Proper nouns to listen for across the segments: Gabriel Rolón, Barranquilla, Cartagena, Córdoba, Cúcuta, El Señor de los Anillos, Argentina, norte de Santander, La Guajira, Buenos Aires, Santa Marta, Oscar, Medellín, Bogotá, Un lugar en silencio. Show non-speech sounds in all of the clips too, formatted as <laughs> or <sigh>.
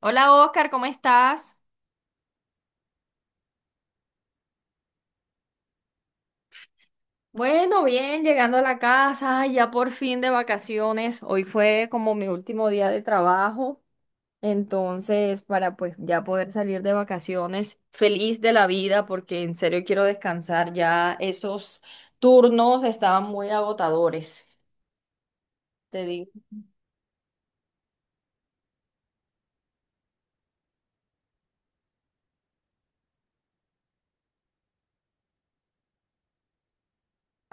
Hola Oscar, ¿cómo estás? Bueno, bien, llegando a la casa, ay, ya por fin de vacaciones. Hoy fue como mi último día de trabajo, entonces para pues ya poder salir de vacaciones, feliz de la vida porque en serio quiero descansar, ya esos turnos estaban muy agotadores. Te digo.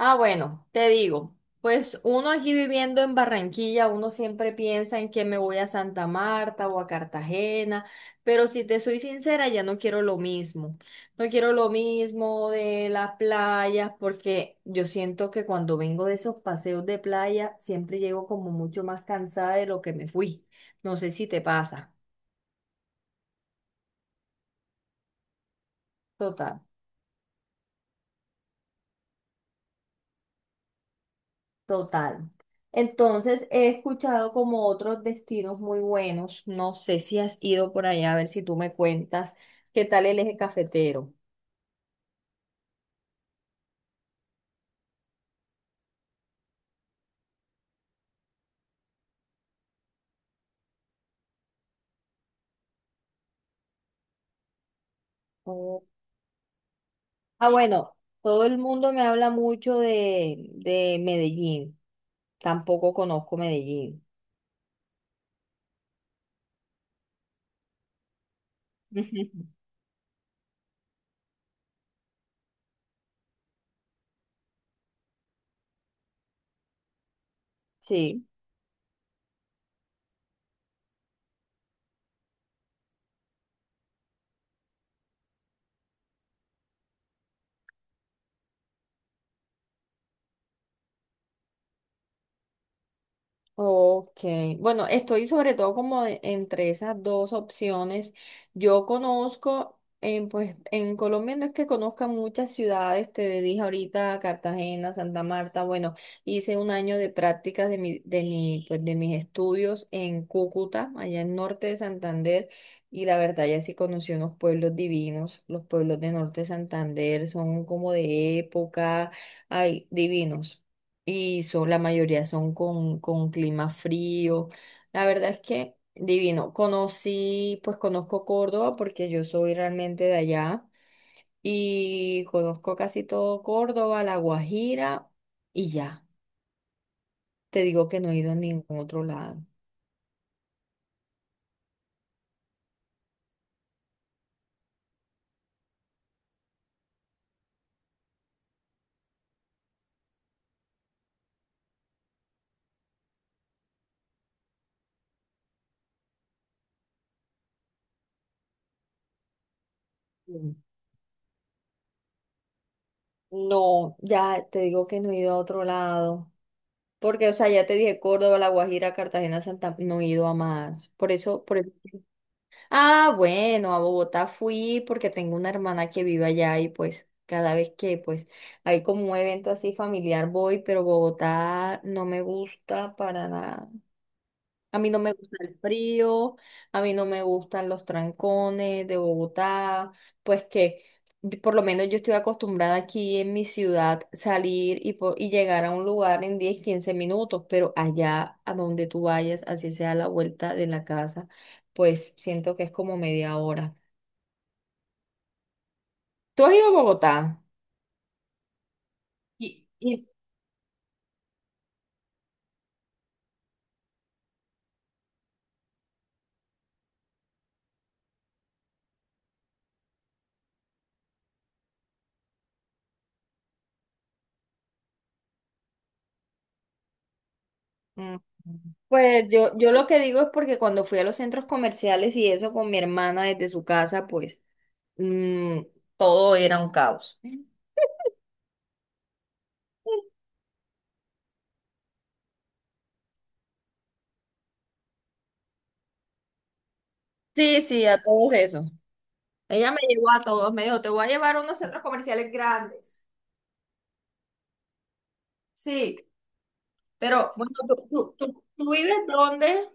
Ah, bueno, te digo, pues uno aquí viviendo en Barranquilla, uno siempre piensa en que me voy a Santa Marta o a Cartagena, pero si te soy sincera, ya no quiero lo mismo. No quiero lo mismo de las playas, porque yo siento que cuando vengo de esos paseos de playa, siempre llego como mucho más cansada de lo que me fui. No sé si te pasa. Total. Total. Entonces, he escuchado como otros destinos muy buenos. No sé si has ido por allá, a ver si tú me cuentas qué tal el eje cafetero. Oh. Ah, bueno, todo el mundo me habla mucho de Medellín. Tampoco conozco Medellín. <laughs> Sí. Ok, bueno, estoy sobre todo como entre esas dos opciones. Yo conozco, pues en Colombia no es que conozca muchas ciudades, te dije ahorita Cartagena, Santa Marta, bueno, hice un año de prácticas pues de mis estudios en Cúcuta, allá en norte de Santander, y la verdad ya sí conocí unos pueblos divinos, los pueblos de norte de Santander son como de época, ay, divinos y son, la mayoría son con clima frío. La verdad es que divino. Conocí, pues conozco Córdoba porque yo soy realmente de allá y conozco casi todo Córdoba, La Guajira y ya. Te digo que no he ido a ningún otro lado. Mm. No, ya te digo que no he ido a otro lado. Porque, o sea, ya te dije Córdoba, La Guajira, Cartagena, Santa, no he ido a más. Por eso Ah, bueno, a Bogotá fui porque tengo una hermana que vive allá y pues cada vez que pues hay como un evento así familiar voy, pero Bogotá no me gusta para nada. A mí no me gusta el frío, a mí no me gustan los trancones de Bogotá, pues que por lo menos yo estoy acostumbrada aquí en mi ciudad salir y, y llegar a un lugar en 10 15 minutos, pero allá a donde tú vayas, así sea la vuelta de la casa, pues siento que es como media hora. ¿Tú has ido a Bogotá? Y, y- Mm. Pues yo lo que digo es porque cuando fui a los centros comerciales y eso con mi hermana desde su casa, pues mm, todo era un caos. Sí, sí, a todos eso. Ella me llevó a todos, me dijo, te voy a llevar a unos centros comerciales grandes. Sí, pero bueno, ¿ tú vives dónde?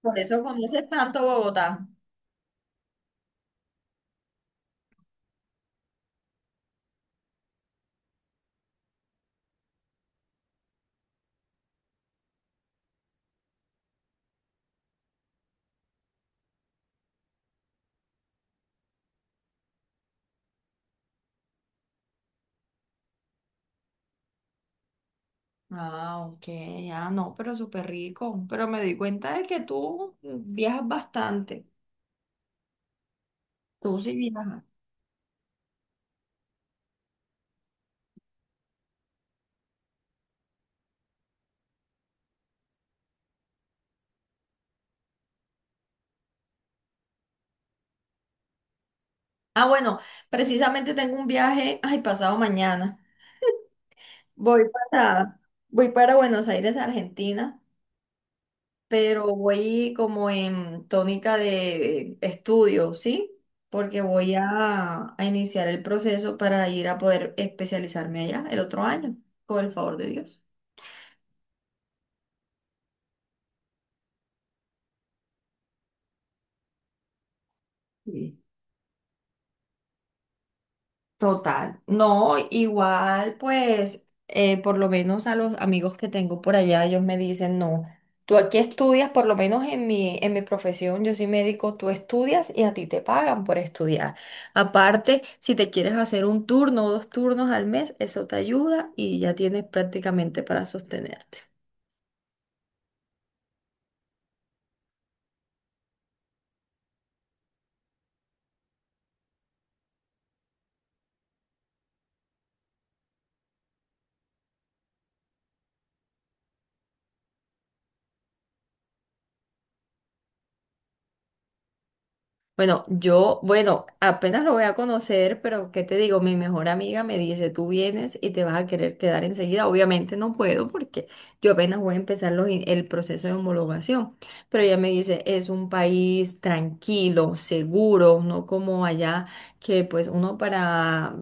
Por eso conoces tanto Bogotá. Ah, ok, ah, no, pero súper rico. Pero me di cuenta de que tú viajas bastante. Tú sí viajas. Ah, bueno, precisamente tengo un viaje, ay, pasado mañana. Voy para, voy para Buenos Aires, Argentina. Pero voy como en tónica de estudio, ¿sí? Porque voy a iniciar el proceso para ir a poder especializarme allá el otro año, con el favor de Dios. Total. No, igual, pues, por lo menos a los amigos que tengo por allá, ellos me dicen, no, tú aquí estudias, por lo menos en mi profesión, yo soy médico, tú estudias y a ti te pagan por estudiar. Aparte, si te quieres hacer un turno o dos turnos al mes, eso te ayuda y ya tienes prácticamente para sostenerte. Bueno, bueno, apenas lo voy a conocer, pero ¿qué te digo? Mi mejor amiga me dice, tú vienes y te vas a querer quedar enseguida. Obviamente no puedo porque yo apenas voy a empezar el proceso de homologación, pero ella me dice, es un país tranquilo, seguro, no como allá que pues uno para,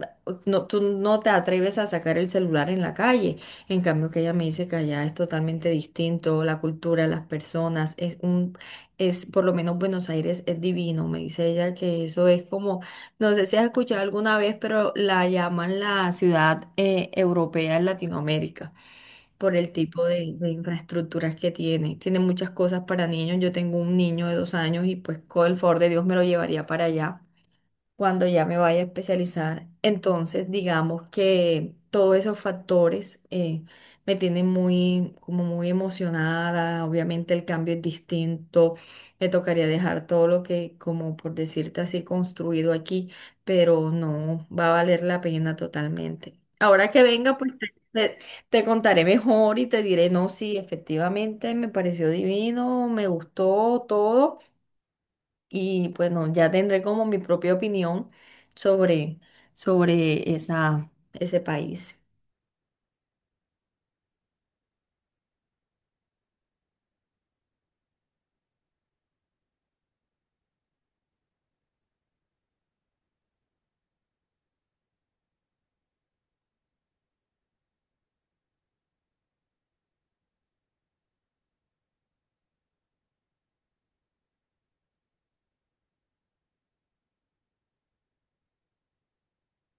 no, tú no te atreves a sacar el celular en la calle. En cambio, que ella me dice que allá es totalmente distinto, la cultura, las personas, por lo menos Buenos Aires es divino, me dice ella que eso es como, no sé si has escuchado alguna vez, pero la llaman la ciudad europea en Latinoamérica por el tipo de infraestructuras que tiene. Tiene muchas cosas para niños, yo tengo un niño de 2 años y pues con el favor de Dios me lo llevaría para allá cuando ya me vaya a especializar. Entonces, digamos que todos esos factores me tienen muy, como muy emocionada. Obviamente el cambio es distinto. Me tocaría dejar todo lo que, como por decirte así, construido aquí, pero no va a valer la pena totalmente. Ahora que venga, pues te contaré mejor y te diré, no, sí, efectivamente me pareció divino, me gustó todo. Y bueno, ya tendré como mi propia opinión sobre, sobre esa, ese país.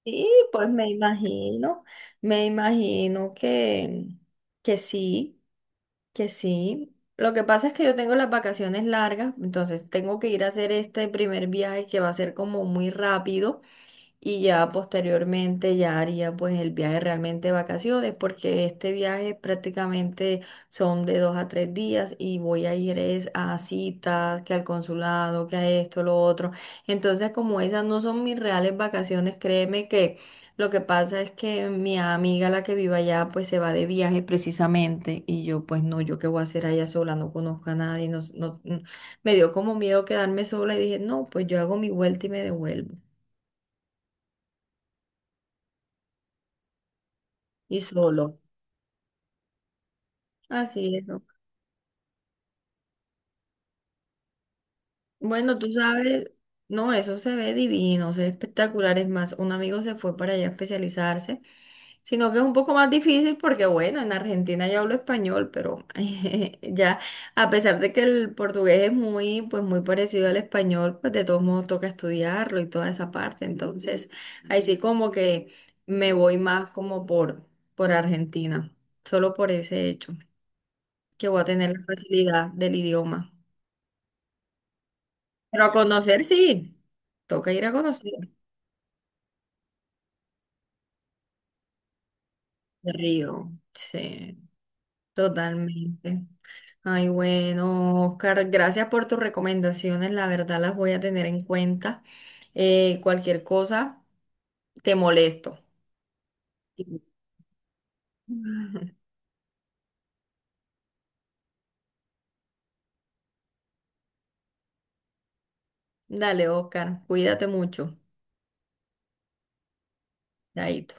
Y pues me imagino que sí, que sí. Lo que pasa es que yo tengo las vacaciones largas, entonces tengo que ir a hacer este primer viaje que va a ser como muy rápido. Y ya posteriormente ya haría pues el viaje realmente de vacaciones porque este viaje prácticamente son de 2 a 3 días y voy a ir es a citas, que al consulado, que a esto, lo otro. Entonces como esas no son mis reales vacaciones, créeme que lo que pasa es que mi amiga la que vive allá pues se va de viaje precisamente y yo pues no, yo qué voy a hacer allá sola, no conozco a nadie, no, no, no. Me dio como miedo quedarme sola y dije no, pues yo hago mi vuelta y me devuelvo y solo. Así es. ¿No? Bueno, tú sabes, no, eso se ve divino, se ve espectacular. Es más, un amigo se fue para allá a especializarse, sino que es un poco más difícil porque, bueno, en Argentina yo hablo español, pero <laughs> ya, a pesar de que el portugués es muy, pues muy parecido al español, pues de todos modos toca estudiarlo y toda esa parte. Entonces, ahí sí como que me voy más como por Argentina, solo por ese hecho, que voy a tener la facilidad del idioma. Pero a conocer sí, toca ir a conocer el río, sí, totalmente. Ay, bueno, Oscar, gracias por tus recomendaciones, la verdad las voy a tener en cuenta. Cualquier cosa, te molesto. <laughs> Dale, Oscar, cuídate mucho. Chaito.